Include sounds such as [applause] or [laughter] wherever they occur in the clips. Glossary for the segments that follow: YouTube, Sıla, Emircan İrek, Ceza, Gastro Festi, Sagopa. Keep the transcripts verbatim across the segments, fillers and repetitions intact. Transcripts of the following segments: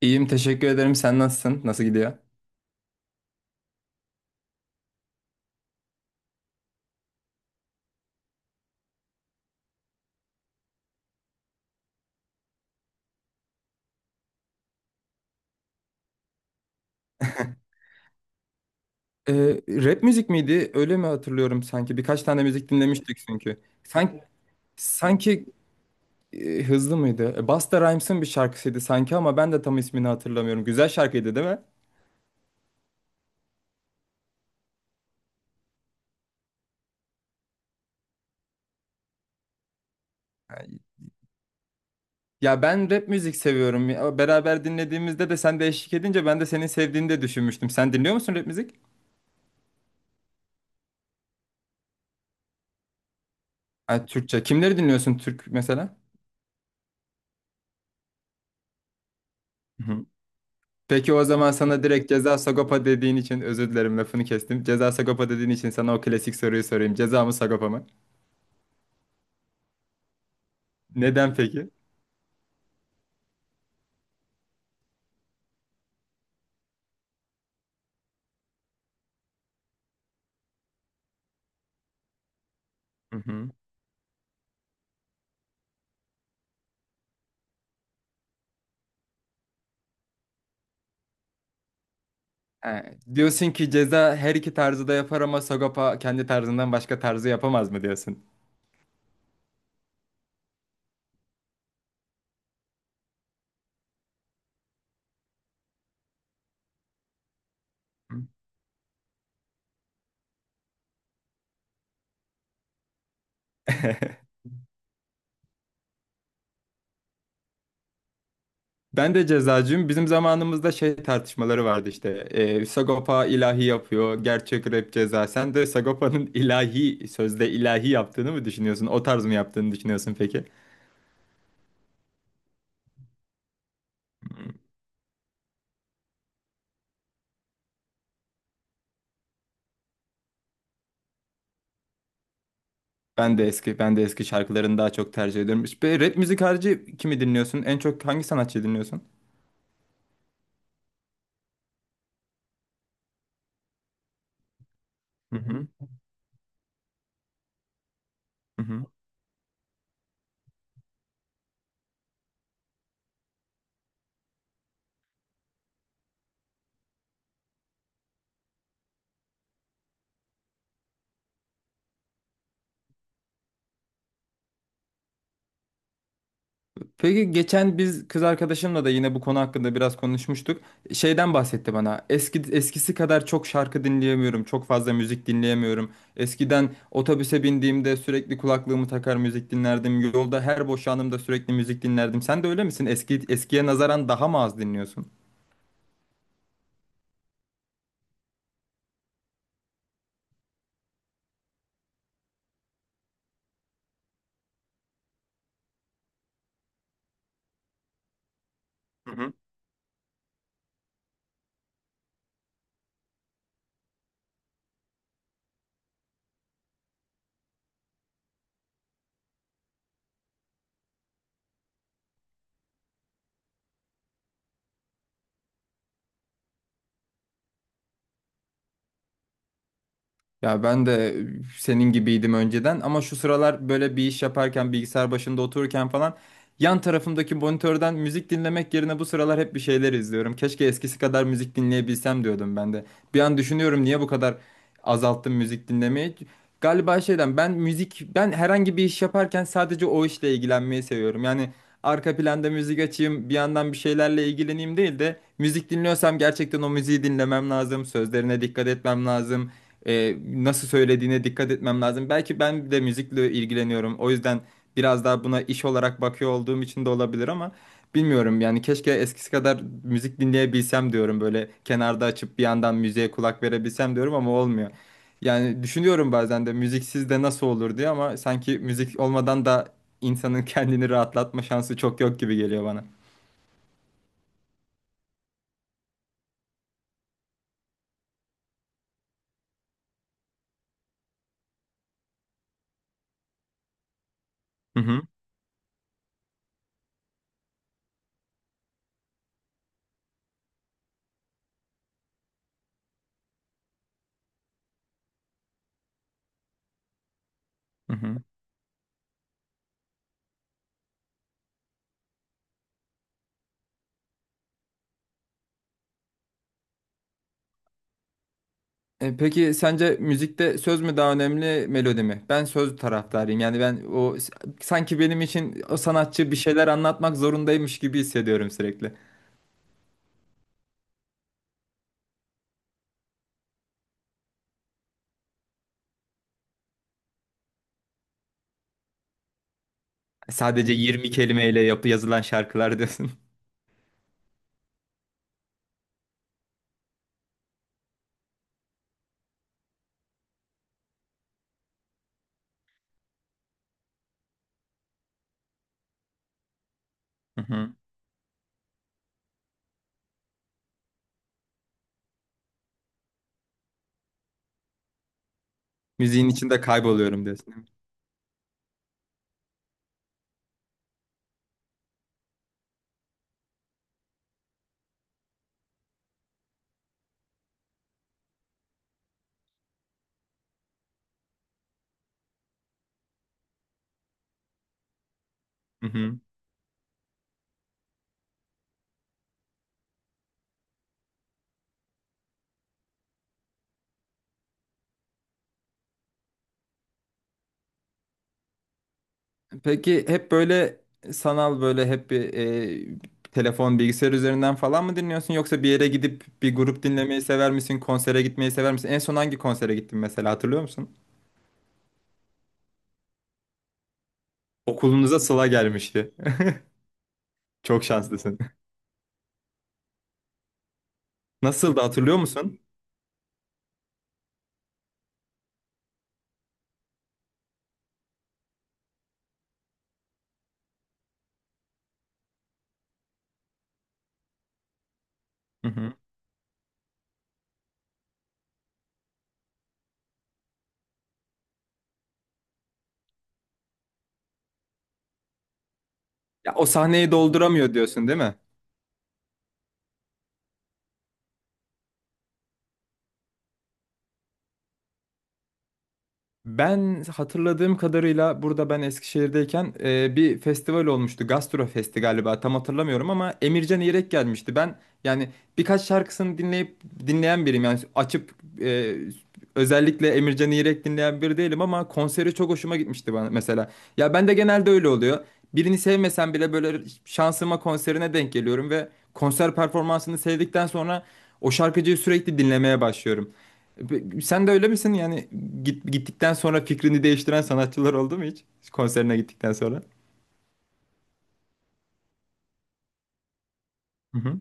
İyiyim, teşekkür ederim. Sen nasılsın? Nasıl gidiyor? Ee, Rap müzik miydi? Öyle mi hatırlıyorum sanki? Birkaç tane müzik dinlemiştik çünkü. Sanki, sanki e, hızlı mıydı? E, Busta Rhymes'ın bir şarkısıydı sanki, ama ben de tam ismini hatırlamıyorum. Güzel şarkıydı değil mi? Ay, Ya ben rap müzik seviyorum. Ya beraber dinlediğimizde de sen de eşlik edince ben de senin sevdiğini de düşünmüştüm. Sen dinliyor musun rap müzik? Ha, Türkçe. Kimleri dinliyorsun Türk mesela? Hı. Peki, o zaman sana direkt Ceza Sagopa dediğin için özür dilerim, lafını kestim. Ceza Sagopa dediğin için sana o klasik soruyu sorayım. Ceza mı Sagopa mı? Neden peki? Hı hı. Ha, diyorsun ki Ceza her iki tarzı da yapar ama Sagopa kendi tarzından başka tarzı yapamaz mı diyorsun? Hı. [laughs] Ben de cezacıyım. Bizim zamanımızda şey tartışmaları vardı işte. Ee, Sagopa ilahi yapıyor. Gerçek rap Ceza. Sen de Sagopa'nın ilahi, sözde ilahi yaptığını mı düşünüyorsun? O tarz mı yaptığını düşünüyorsun peki? Ben de eski, ben de eski şarkılarını daha çok tercih ediyorum. Ve rap müzik harici kimi dinliyorsun? En çok hangi sanatçıyı dinliyorsun? Hı hı. Hı hı. Peki, geçen biz kız arkadaşımla da yine bu konu hakkında biraz konuşmuştuk. Şeyden bahsetti bana. Eski eskisi kadar çok şarkı dinleyemiyorum. Çok fazla müzik dinleyemiyorum. Eskiden otobüse bindiğimde sürekli kulaklığımı takar müzik dinlerdim. Yolda her boş anımda sürekli müzik dinlerdim. Sen de öyle misin? Eski eskiye nazaran daha mı az dinliyorsun? Ya ben de senin gibiydim önceden, ama şu sıralar böyle bir iş yaparken, bilgisayar başında otururken falan yan tarafımdaki monitörden müzik dinlemek yerine bu sıralar hep bir şeyler izliyorum. Keşke eskisi kadar müzik dinleyebilsem diyordum ben de. Bir an düşünüyorum, niye bu kadar azalttım müzik dinlemeyi. Galiba şeyden, ben müzik, ben herhangi bir iş yaparken sadece o işle ilgilenmeyi seviyorum. Yani arka planda müzik açayım, bir yandan bir şeylerle ilgileneyim değil de, müzik dinliyorsam gerçekten o müziği dinlemem lazım. Sözlerine dikkat etmem lazım, e, nasıl söylediğine dikkat etmem lazım. Belki ben de müzikle ilgileniyorum. O yüzden biraz daha buna iş olarak bakıyor olduğum için de olabilir, ama bilmiyorum yani, keşke eskisi kadar müzik dinleyebilsem diyorum. Böyle kenarda açıp bir yandan müziğe kulak verebilsem diyorum ama olmuyor. Yani düşünüyorum bazen de müziksiz de nasıl olur diye, ama sanki müzik olmadan da insanın [laughs] kendini rahatlatma şansı çok yok gibi geliyor bana. Hı hı. Hı hı. E, peki sence müzikte söz mü daha önemli, melodi mi? Ben söz taraftarıyım. Yani ben o, sanki benim için o sanatçı bir şeyler anlatmak zorundaymış gibi hissediyorum sürekli. Sadece yirmi kelimeyle yapı yazılan şarkılar diyorsun. [laughs] Hı hı. Müziğin içinde kayboluyorum diyorsun. Hı hı. Peki, hep böyle sanal, böyle hep bir e, telefon, bilgisayar üzerinden falan mı dinliyorsun, yoksa bir yere gidip bir grup dinlemeyi sever misin? Konsere gitmeyi sever misin? En son hangi konsere gittin mesela, hatırlıyor musun? Okulunuza Sıla gelmişti. Çok şanslısın. [laughs] Nasıldı, hatırlıyor musun? Hı hı. Ya o sahneyi dolduramıyor diyorsun değil mi? Ben hatırladığım kadarıyla, burada ben Eskişehir'deyken e, bir festival olmuştu. Gastro Festi galiba, tam hatırlamıyorum, ama Emircan İrek gelmişti. Ben yani birkaç şarkısını dinleyip dinleyen biriyim. Yani açıp e, özellikle Emircan İrek dinleyen biri değilim, ama konseri çok hoşuma gitmişti bana mesela. Ya ben de genelde öyle oluyor. Birini sevmesem bile böyle şansıma konserine denk geliyorum ve konser performansını sevdikten sonra o şarkıcıyı sürekli dinlemeye başlıyorum. Pe- Sen de öyle misin? Yani git, gittikten sonra fikrini değiştiren sanatçılar oldu mu hiç? Konserine gittikten sonra. Hı hı.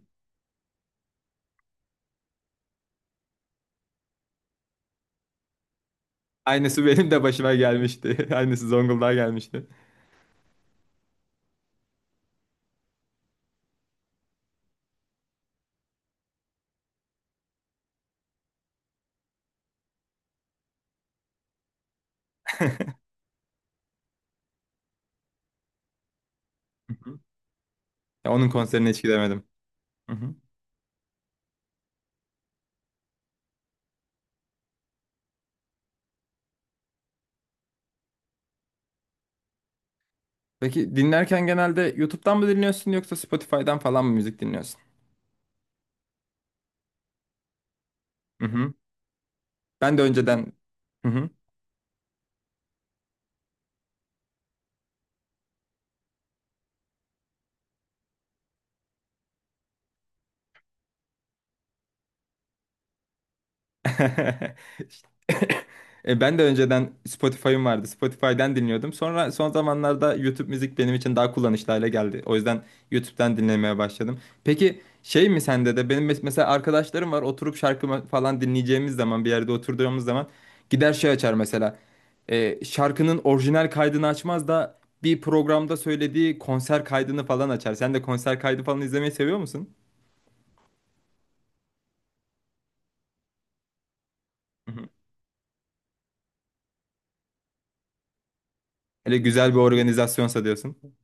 Aynısı benim de başıma gelmişti. [laughs] Aynısı Zonguldak'a gelmişti. Hı hı. Ya onun konserine hiç gidemedim. Hı hı. Peki dinlerken genelde YouTube'dan mı dinliyorsun, yoksa Spotify'dan falan mı müzik dinliyorsun? Hı hı. Ben de önceden... Hı hı. [laughs] E, ben de önceden Spotify'ım vardı. Spotify'dan dinliyordum. Sonra son zamanlarda YouTube müzik benim için daha kullanışlı hale geldi. O yüzden YouTube'dan dinlemeye başladım. Peki şey mi, sende de benim mes- mesela, arkadaşlarım var, oturup şarkı ma- falan dinleyeceğimiz zaman, bir yerde oturduğumuz zaman gider şey açar mesela. E, şarkının orijinal kaydını açmaz da bir programda söylediği konser kaydını falan açar. Sen de konser kaydı falan izlemeyi seviyor musun? Hı hı. Hele güzel bir organizasyonsa diyorsun.